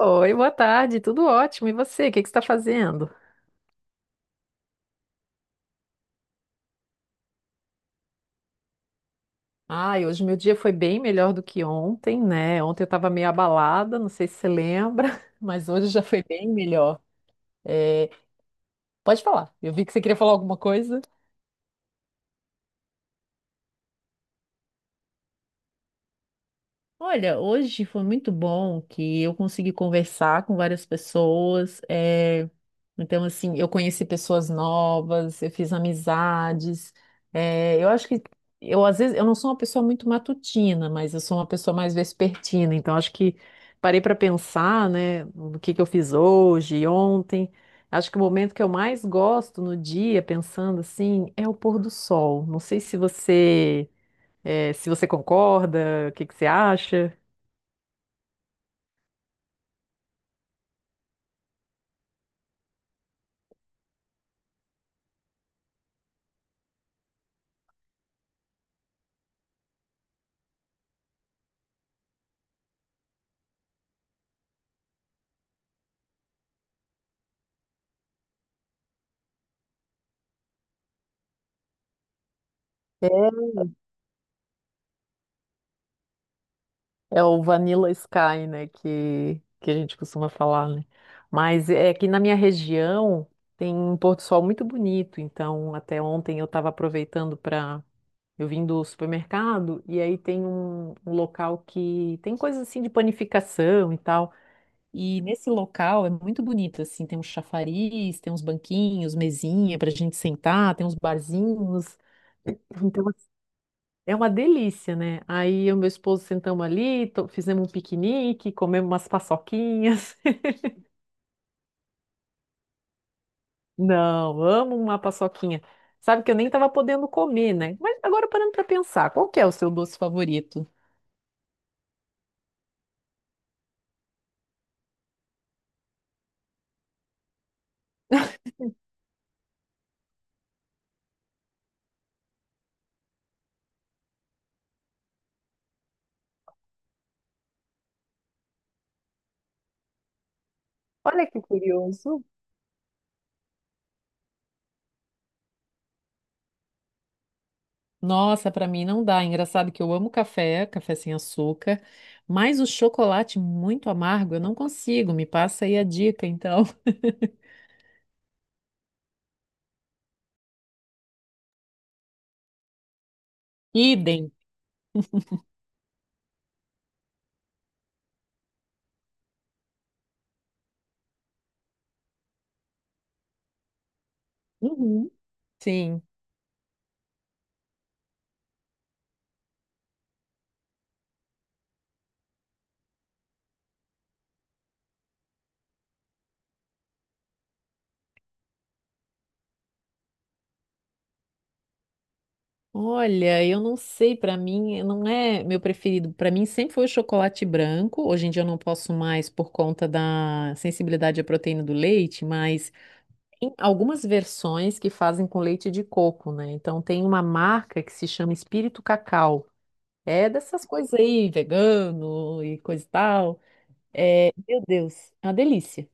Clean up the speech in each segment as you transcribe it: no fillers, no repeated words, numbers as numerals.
Oi, boa tarde, tudo ótimo. E você, o que que você está fazendo? Ai, hoje meu dia foi bem melhor do que ontem, né? Ontem eu estava meio abalada, não sei se você lembra, mas hoje já foi bem melhor. É, pode falar, eu vi que você queria falar alguma coisa. Olha, hoje foi muito bom que eu consegui conversar com várias pessoas. Então, assim, eu conheci pessoas novas, eu fiz amizades. Eu acho que eu às vezes eu não sou uma pessoa muito matutina, mas eu sou uma pessoa mais vespertina. Então, acho que parei para pensar, né, no que eu fiz hoje, e ontem. Acho que o momento que eu mais gosto no dia, pensando assim, é o pôr do sol. Não sei se você, se você concorda, o que que você acha? É é, o Vanilla Sky, né, que a gente costuma falar, né? Mas é que na minha região tem um pôr do sol muito bonito, então até ontem eu estava aproveitando para eu vim do supermercado e aí tem um local que tem coisas assim de panificação e tal. E nesse local é muito bonito, assim, tem uns chafariz, tem uns banquinhos, mesinha para a gente sentar, tem uns barzinhos. Então é uma delícia, né? Aí eu e meu esposo sentamos ali, fizemos um piquenique, comemos umas paçoquinhas. Não, amo uma paçoquinha. Sabe que eu nem estava podendo comer, né? Mas agora parando para pensar, qual que é o seu doce favorito? Olha que curioso. Nossa, para mim não dá. Engraçado que eu amo café, café sem açúcar, mas o chocolate muito amargo eu não consigo. Me passa aí a dica, então. Idem. Uhum. Sim. Olha, eu não sei, pra mim não é meu preferido. Pra mim sempre foi o chocolate branco. Hoje em dia eu não posso mais por conta da sensibilidade à proteína do leite, mas tem algumas versões que fazem com leite de coco, né? Então tem uma marca que se chama Espírito Cacau. É dessas coisas aí, vegano e coisa e tal. Meu Deus, é uma delícia.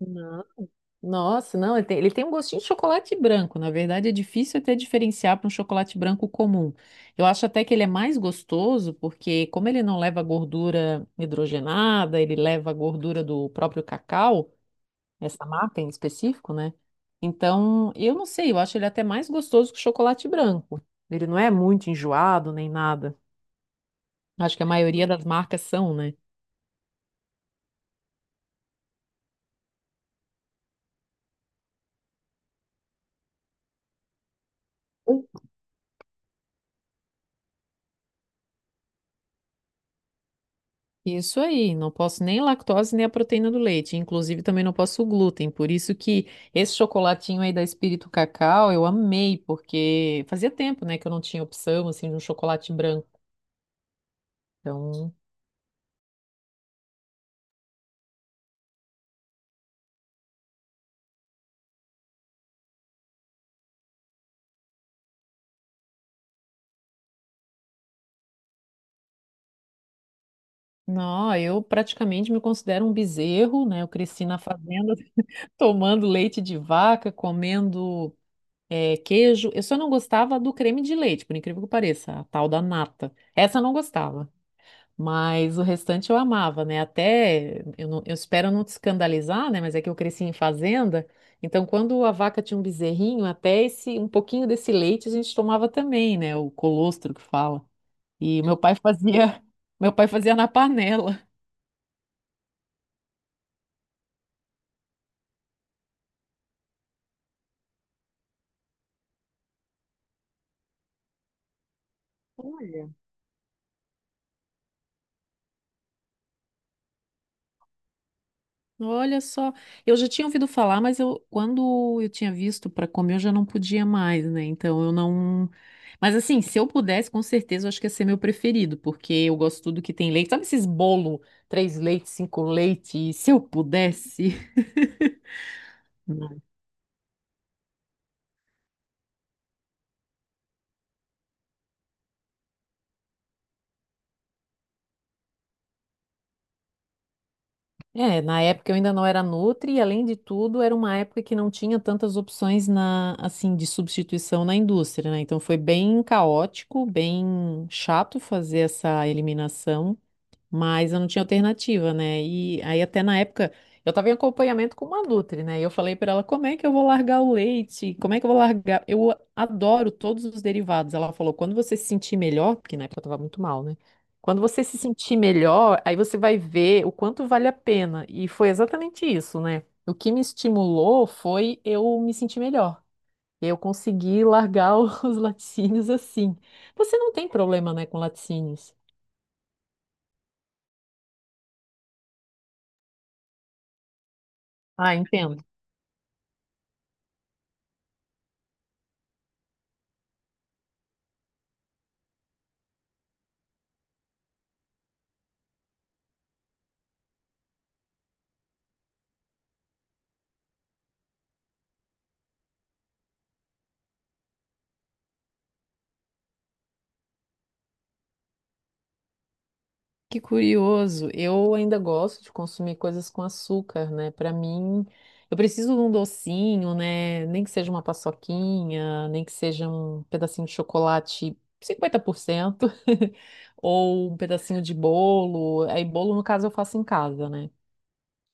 Não. Nossa, não, ele tem um gostinho de chocolate branco. Na verdade, é difícil até diferenciar para um chocolate branco comum. Eu acho até que ele é mais gostoso, porque como ele não leva gordura hidrogenada, ele leva a gordura do próprio cacau, essa marca em específico, né? Então, eu não sei, eu acho ele até mais gostoso que o chocolate branco. Ele não é muito enjoado nem nada. Acho que a maioria das marcas são, né? Isso aí, não posso nem lactose nem a proteína do leite, inclusive também não posso o glúten, por isso que esse chocolatinho aí da Espírito Cacau eu amei, porque fazia tempo, né, que eu não tinha opção, assim, de um chocolate branco, então, não, eu praticamente me considero um bezerro, né, eu cresci na fazenda tomando leite de vaca, comendo queijo. Eu só não gostava do creme de leite, por incrível que pareça, a tal da nata, essa eu não gostava. Mas o restante eu amava, né? Até, eu, não- Eu espero não te escandalizar, né? Mas é que eu cresci em fazenda. Então, quando a vaca tinha um bezerrinho, até esse, um pouquinho desse leite a gente tomava também, né? O colostro que fala. E meu pai fazia, meu pai fazia na panela. Olha só, eu já tinha ouvido falar, mas eu quando eu tinha visto para comer eu já não podia mais, né? Então eu não. Mas assim, se eu pudesse, com certeza eu acho que ia ser meu preferido, porque eu gosto tudo que tem leite. Sabe esses bolo, três leites, cinco leites? Se eu pudesse. Não. É, na época eu ainda não era nutri e além de tudo era uma época que não tinha tantas opções na assim de substituição na indústria, né? Então foi bem caótico, bem chato fazer essa eliminação. Mas eu não tinha alternativa, né? E aí até na época eu estava em acompanhamento com uma nutri, né? E eu falei para ela, como é que eu vou largar o leite? Como é que eu vou largar? Eu adoro todos os derivados. Ela falou, quando você se sentir melhor, porque na época eu estava muito mal, né? Quando você se sentir melhor, aí você vai ver o quanto vale a pena. E foi exatamente isso, né? O que me estimulou foi eu me sentir melhor. Eu consegui largar os laticínios assim. Você não tem problema, né, com laticínios? Ah, entendo. Que curioso. Eu ainda gosto de consumir coisas com açúcar, né? Para mim, eu preciso de um docinho, né? Nem que seja uma paçoquinha, nem que seja um pedacinho de chocolate 50% ou um pedacinho de bolo. Aí, bolo, no caso, eu faço em casa, né?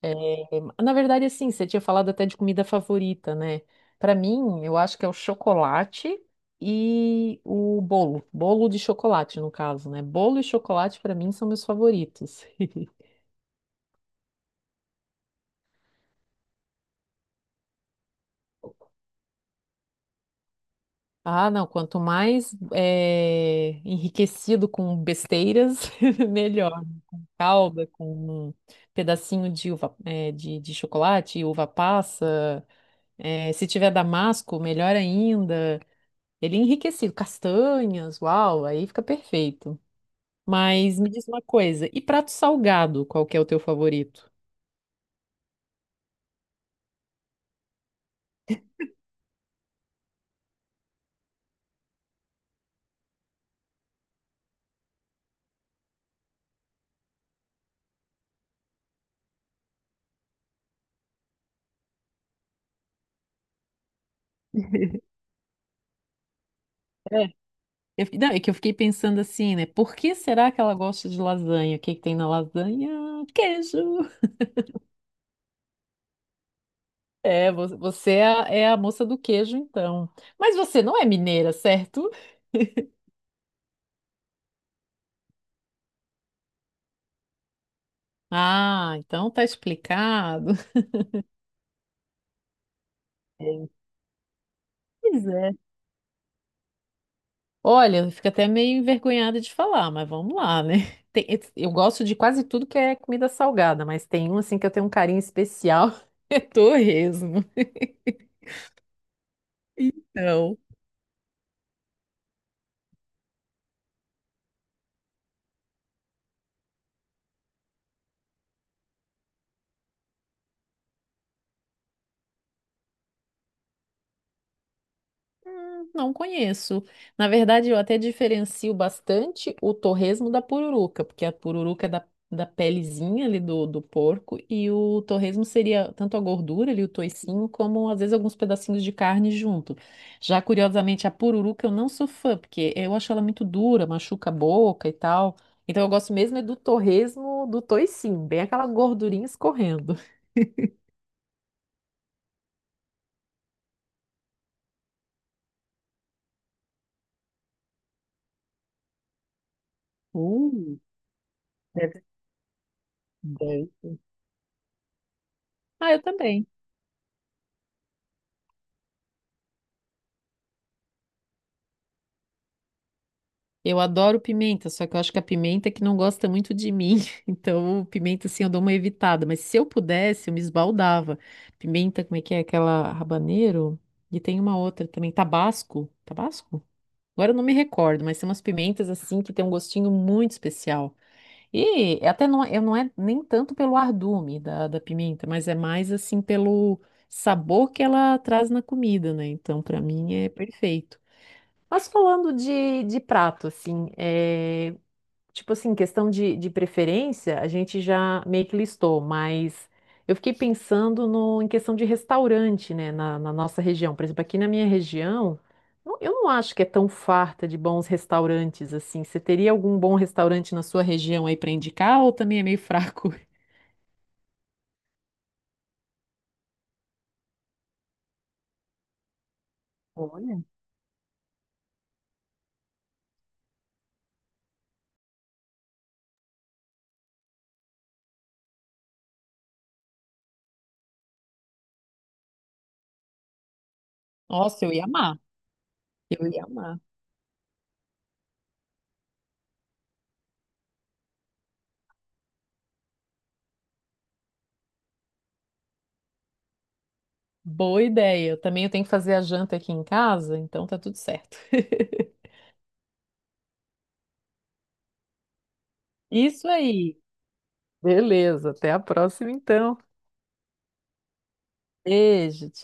É, na verdade, assim, você tinha falado até de comida favorita, né? Para mim, eu acho que é o chocolate e o bolo. Bolo de chocolate, no caso, né? Bolo e chocolate, para mim, são meus favoritos. Ah, não, quanto mais enriquecido com besteiras, melhor. Calda com um pedacinho de uva, de chocolate, uva passa. Se tiver damasco, melhor ainda. Ele é enriquecido, castanhas, uau, aí fica perfeito. Mas me diz uma coisa, e prato salgado, qual que é o teu favorito? É. Não, é que eu fiquei pensando assim, né? Por que será que ela gosta de lasanha? O que que tem na lasanha? Queijo. É, você é a moça do queijo, então. Mas você não é mineira, certo? Ah, então tá explicado. É. Pois é. Olha, eu fico até meio envergonhada de falar, mas vamos lá, né? Tem- eu gosto de quase tudo que é comida salgada, mas tem um assim que eu tenho um carinho especial, é torresmo. Então, não conheço. Na verdade, eu até diferencio bastante o torresmo da pururuca, porque a pururuca é da pelezinha ali do porco, e o torresmo seria tanto a gordura ali, o toicinho, como às vezes alguns pedacinhos de carne junto. Já curiosamente, a pururuca eu não sou fã, porque eu acho ela muito dura, machuca a boca e tal. Então eu gosto mesmo é do torresmo do toicinho, bem aquela gordurinha escorrendo. Hum, deve, deve. Ah, eu também. Eu adoro pimenta, só que eu acho que a pimenta é que não gosta muito de mim. Então, pimenta, assim, eu dou uma evitada. Mas se eu pudesse, eu me esbaldava. Pimenta, como é que é? Aquela habanero? E tem uma outra também, tabasco. Tabasco? Agora eu não me recordo, mas tem umas pimentas, assim, que tem um gostinho muito especial. E até não, eu não é nem tanto pelo ardume da pimenta, mas é mais, assim, pelo sabor que ela traz na comida, né? Então, pra mim, é perfeito. Mas falando de prato, assim, é, tipo assim, questão de preferência, a gente já meio que listou, mas eu fiquei pensando no, em questão de restaurante, né, na nossa região. Por exemplo, aqui na minha região, eu não acho que é tão farta de bons restaurantes, assim. Você teria algum bom restaurante na sua região aí para indicar ou também é meio fraco? Olha. Nossa, eu ia amar. Eu ia amar. Boa ideia. Eu também eu tenho que fazer a janta aqui em casa, então tá tudo certo. Isso aí. Beleza, até a próxima então. Beijo, tchau.